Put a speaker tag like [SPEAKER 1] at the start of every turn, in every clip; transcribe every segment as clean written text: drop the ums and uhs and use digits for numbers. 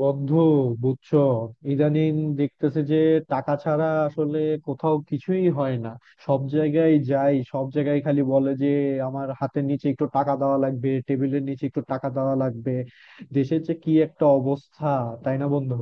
[SPEAKER 1] বন্ধু, বুঝছো, ইদানিং দেখতেছে যে টাকা ছাড়া আসলে কোথাও কিছুই হয় না। সব জায়গায় যাই, সব জায়গায় খালি বলে যে আমার হাতের নিচে একটু টাকা দেওয়া লাগবে, টেবিলের নিচে একটু টাকা দেওয়া লাগবে। দেশের যে কি একটা অবস্থা, তাই না বন্ধু?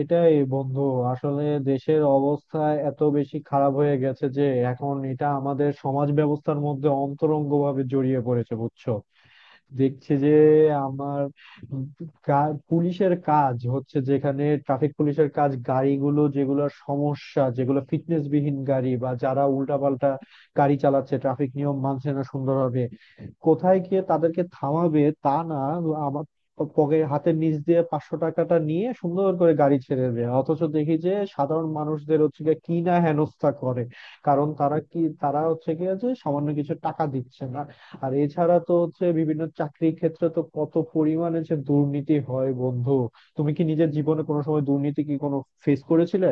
[SPEAKER 1] এটাই বন্ধু, আসলে দেশের অবস্থা এত বেশি খারাপ হয়ে গেছে যে এখন এটা আমাদের সমাজ ব্যবস্থার মধ্যে অন্তরঙ্গভাবে জড়িয়ে পড়েছে, বুঝছো। দেখছে যে আমার পুলিশের কাজ হচ্ছে, যেখানে ট্রাফিক পুলিশের কাজ গাড়িগুলো যেগুলোর সমস্যা, যেগুলো ফিটনেস বিহীন গাড়ি বা যারা উল্টাপাল্টা গাড়ি চালাচ্ছে, ট্রাফিক নিয়ম মানছে না সুন্দরভাবে, কোথায় গিয়ে তাদেরকে থামাবে, তা না আমার পকেট হাতের নিচ দিয়ে 500 টাকাটা নিয়ে সুন্দর করে গাড়ি ছেড়ে দেবে। অথচ দেখি যে সাধারণ মানুষদের হচ্ছে গিয়ে কি না হেনস্থা করে, কারণ তারা কি? তারা হচ্ছে গিয়ে যে সামান্য কিছু টাকা দিচ্ছে না। আর এছাড়া তো হচ্ছে বিভিন্ন চাকরির ক্ষেত্রে তো কত পরিমাণে যে দুর্নীতি হয় বন্ধু। তুমি কি নিজের জীবনে কোনো সময় দুর্নীতি কি কোনো ফেস করেছিলে?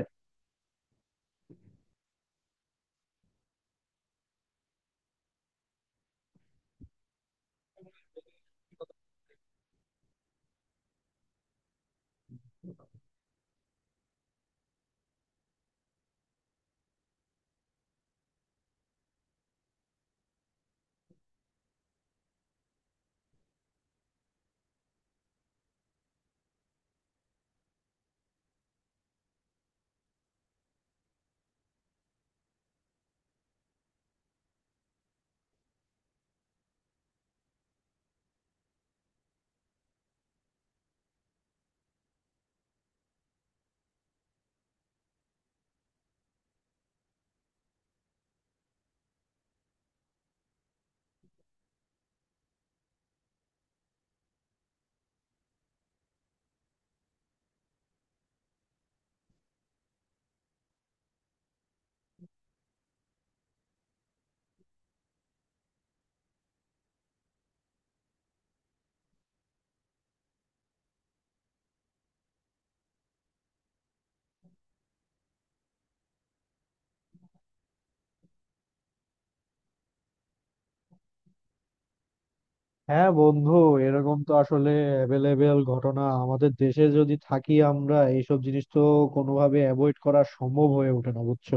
[SPEAKER 1] হ্যাঁ বন্ধু, এরকম তো আসলে অ্যাভেলেবেল ঘটনা, আমাদের দেশে যদি থাকি আমরা এইসব জিনিস তো কোনোভাবে অ্যাভয়েড করা সম্ভব হয়ে ওঠে না, বুঝছো।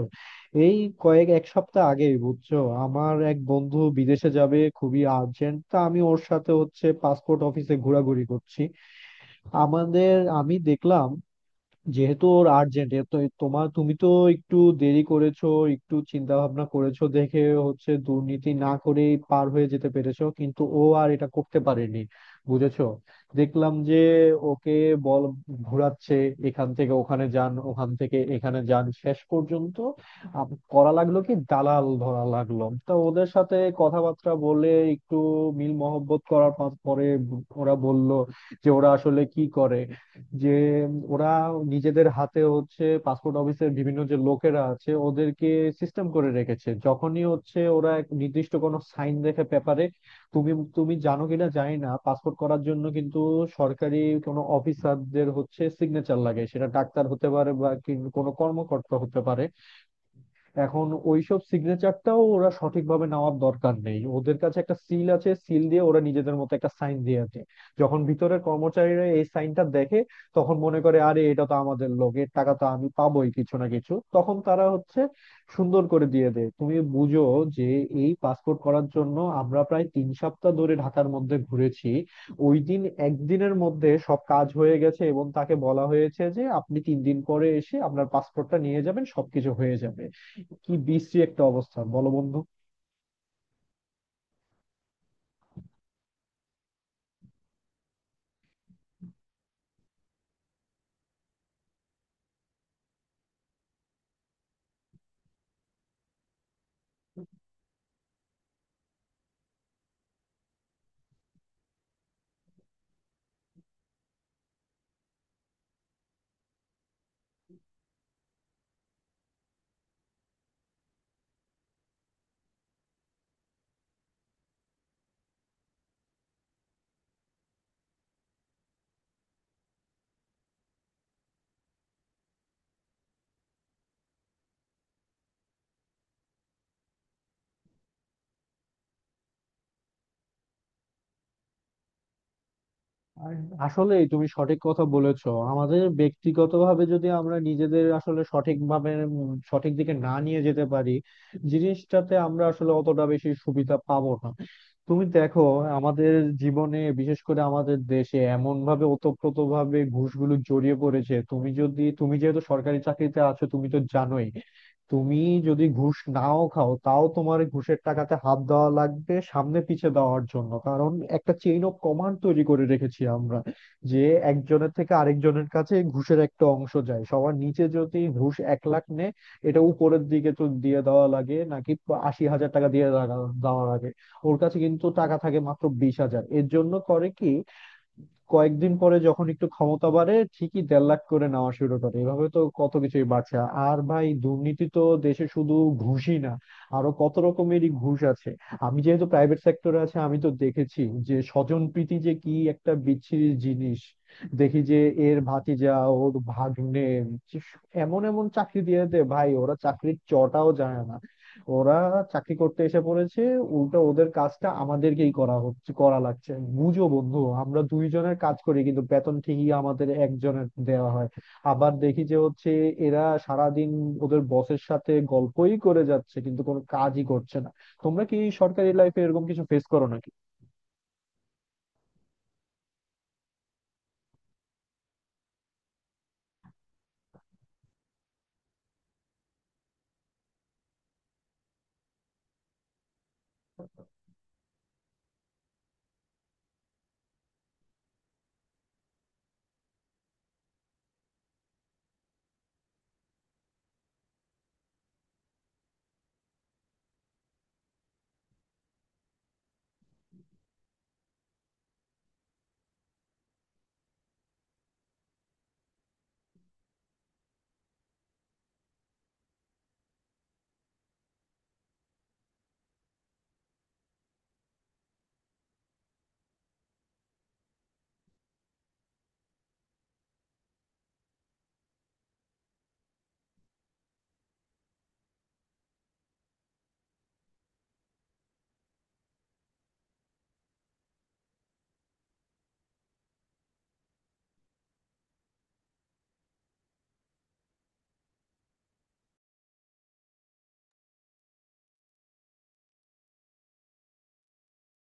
[SPEAKER 1] এই 1 সপ্তাহ আগেই বুঝছো আমার এক বন্ধু বিদেশে যাবে, খুবই আর্জেন্ট, তা আমি ওর সাথে হচ্ছে পাসপোর্ট অফিসে ঘোরাঘুরি করছি। আমাদের আমি দেখলাম, যেহেতু ওর আর্জেন্ট তো তোমার তুমি তো একটু দেরি করেছো, একটু চিন্তা ভাবনা করেছো দেখে হচ্ছে দুর্নীতি না করেই পার হয়ে যেতে পেরেছো, কিন্তু ও আর এটা করতে পারেনি, বুঝেছো। দেখলাম যে ওকে বল ঘোরাচ্ছে, এখান থেকে ওখানে যান, ওখান থেকে এখানে যান, শেষ পর্যন্ত করা লাগলো কি, দালাল ধরা লাগলো। তা ওদের সাথে কথাবার্তা বলে একটু মিল মহব্বত পরে ওরা বলল যে ওরা আসলে কি করে, যে ওরা নিজেদের হাতে হচ্ছে পাসপোর্ট অফিসের বিভিন্ন যে লোকেরা আছে ওদেরকে সিস্টেম করে রেখেছে। যখনই হচ্ছে ওরা এক নির্দিষ্ট কোনো সাইন দেখে পেপারে। তুমি তুমি জানো কিনা জানি না, পাসপোর্ট করার জন্য কিন্তু সরকারি কোনো অফিসারদের হচ্ছে সিগনেচার লাগে, সেটা ডাক্তার হতে পারে বা কোনো কর্মকর্তা হতে পারে। এখন ওইসব সিগনেচারটাও ওরা সঠিকভাবে নেওয়ার দরকার নেই, ওদের কাছে একটা সিল আছে, সিল দিয়ে ওরা নিজেদের মতো একটা সাইন দিয়ে আছে। যখন ভিতরের কর্মচারীরা এই সাইনটা দেখে তখন মনে করে আরে এটা তো আমাদের লোক, এর টাকা তো আমি পাবোই কিছু না কিছু, তখন তারা হচ্ছে সুন্দর করে দিয়ে দেয়। তুমি বুঝো যে এই পাসপোর্ট করার জন্য আমরা প্রায় 3 সপ্তাহ ধরে ঢাকার মধ্যে ঘুরেছি। ওই দিন একদিনের মধ্যে সব কাজ হয়ে গেছে এবং তাকে বলা হয়েছে যে আপনি 3 দিন পরে এসে আপনার পাসপোর্টটা নিয়ে যাবেন, সবকিছু হয়ে যাবে। কি বিশ্রী একটা অবস্থা, বলো বন্ধু। আর আসলে তুমি সঠিক কথা বলেছো, আমাদের ব্যক্তিগতভাবে যদি আমরা নিজেদের আসলে সঠিকভাবে সঠিক দিকে না নিয়ে যেতে পারি, জিনিসটাতে আমরা আসলে অতটা বেশি সুবিধা পাবো না। তুমি দেখো আমাদের জীবনে বিশেষ করে আমাদের দেশে এমন ভাবে ওতপ্রোত ভাবে ঘুষগুলো জড়িয়ে পড়েছে। তুমি যেহেতু সরকারি চাকরিতে আছো তুমি তো জানোই। তুমি যদি ঘুষ নাও খাও, তাও তোমার এই ঘুষের টাকাতে হাত দেওয়া লাগবে সামনে পিছে দেওয়ার জন্য, কারণ একটা চেইন অফ কমান্ড তৈরি করে রেখেছি আমরা, যে একজনের থেকে আরেকজনের কাছে ঘুষের একটা অংশ যায়। সবার নিচে যদি ঘুষ 1 লাখ নেয়, এটা উপরের দিকে তো দিয়ে দেওয়া লাগে নাকি, 80 হাজার টাকা দিয়ে দেওয়া দেওয়া লাগে। ওর কাছে কিন্তু টাকা থাকে মাত্র 20 হাজার, এর জন্য করে কি, কয়েকদিন পরে যখন একটু ক্ষমতা বাড়ে ঠিকই 1.5 লাখ করে নেওয়া শুরু করে। এভাবে তো কত কিছুই বাড়ছে। আর ভাই দুর্নীতি তো দেশে শুধু ঘুষই না, আরো কত রকমেরই ঘুষ আছে। আমি যেহেতু প্রাইভেট সেক্টরে আছে, আমি তো দেখেছি যে স্বজনপ্রীতি যে কি একটা বিচ্ছিরি জিনিস। দেখি যে এর ভাতিজা, ওর ভাগ্নে, যে এমন এমন চাকরি দিয়ে দে ভাই। ওরা চাকরির চটাও জানে না, ওরা চাকরি করতে এসে পড়েছে। উল্টো ওদের কাজটা আমাদেরকেই করা লাগছে। বুঝো বন্ধু আমরা 2 জনের কাজ করি কিন্তু বেতন ঠিকই আমাদের একজনের দেওয়া হয়। আবার দেখি যে হচ্ছে এরা সারাদিন ওদের বসের সাথে গল্পই করে যাচ্ছে কিন্তু কোনো কাজই করছে না। তোমরা কি সরকারি লাইফে এরকম কিছু ফেস করো নাকি?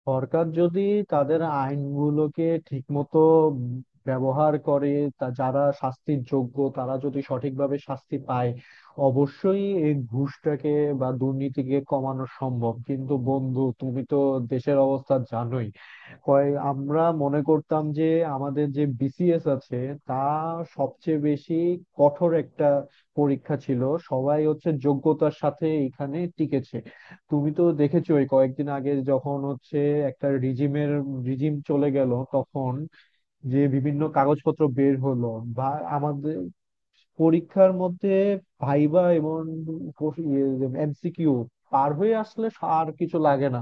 [SPEAKER 1] সরকার যদি তাদের আইনগুলোকে ঠিকমতো ব্যবহার করে, তা যারা শাস্তির যোগ্য তারা যদি সঠিকভাবে শাস্তি পায়, অবশ্যই এই ঘুষটাকে বা দুর্নীতিকে কমানো সম্ভব। কিন্তু বন্ধু তুমি তো দেশের অবস্থা জানোই। কয় আমরা মনে করতাম যে আমাদের যে বিসিএস আছে তা সবচেয়ে বেশি কঠোর একটা পরীক্ষা ছিল, সবাই হচ্ছে যোগ্যতার সাথে এখানে টিকেছে। তুমি তো দেখেছো ওই কয়েকদিন আগে যখন হচ্ছে একটা রিজিম চলে গেল, তখন যে বিভিন্ন কাগজপত্র বের হলো বা আমাদের পরীক্ষার মধ্যে ভাইবা এবং এমসিকিউ পার হয়ে আসলে আর কিছু লাগে না।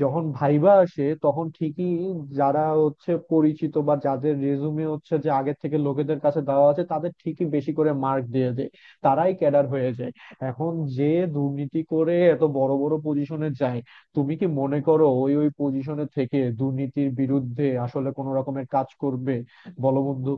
[SPEAKER 1] যখন ভাইবা আসে তখন ঠিকই যারা হচ্ছে পরিচিত বা যাদের রেজুমে হচ্ছে যে আগের থেকে লোকেদের কাছে দেওয়া আছে, তাদের ঠিকই বেশি করে মার্ক দিয়ে দেয়, তারাই ক্যাডার হয়ে যায়। এখন যে দুর্নীতি করে এত বড় বড় পজিশনে যায়, তুমি কি মনে করো ওই ওই পজিশনে থেকে দুর্নীতির বিরুদ্ধে আসলে কোনো রকমের কাজ করবে? বলো বন্ধু।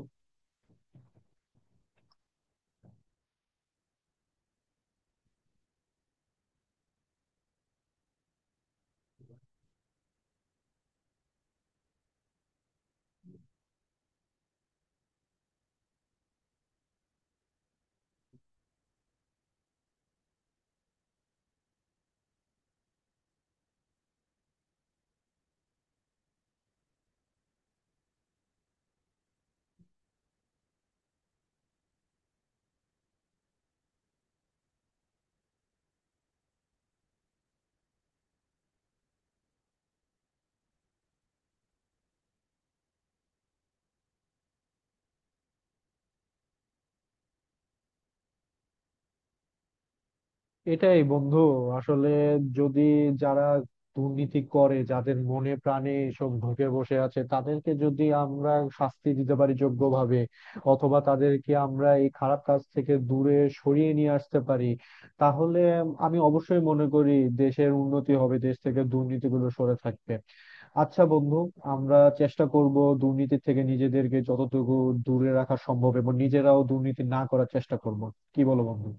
[SPEAKER 1] এটাই বন্ধু, আসলে যদি যারা দুর্নীতি করে, যাদের মনে প্রাণে এসব ঢুকে বসে আছে, তাদেরকে যদি আমরা শাস্তি দিতে পারি যোগ্যভাবে, অথবা তাদেরকে আমরা এই খারাপ কাজ থেকে দূরে সরিয়ে নিয়ে আসতে পারি, তাহলে আমি অবশ্যই মনে করি দেশের উন্নতি হবে, দেশ থেকে দুর্নীতিগুলো সরে থাকবে। আচ্ছা বন্ধু, আমরা চেষ্টা করব দুর্নীতি থেকে নিজেদেরকে যতটুকু দূরে রাখা সম্ভব এবং নিজেরাও দুর্নীতি না করার চেষ্টা করব। কি বলো বন্ধু?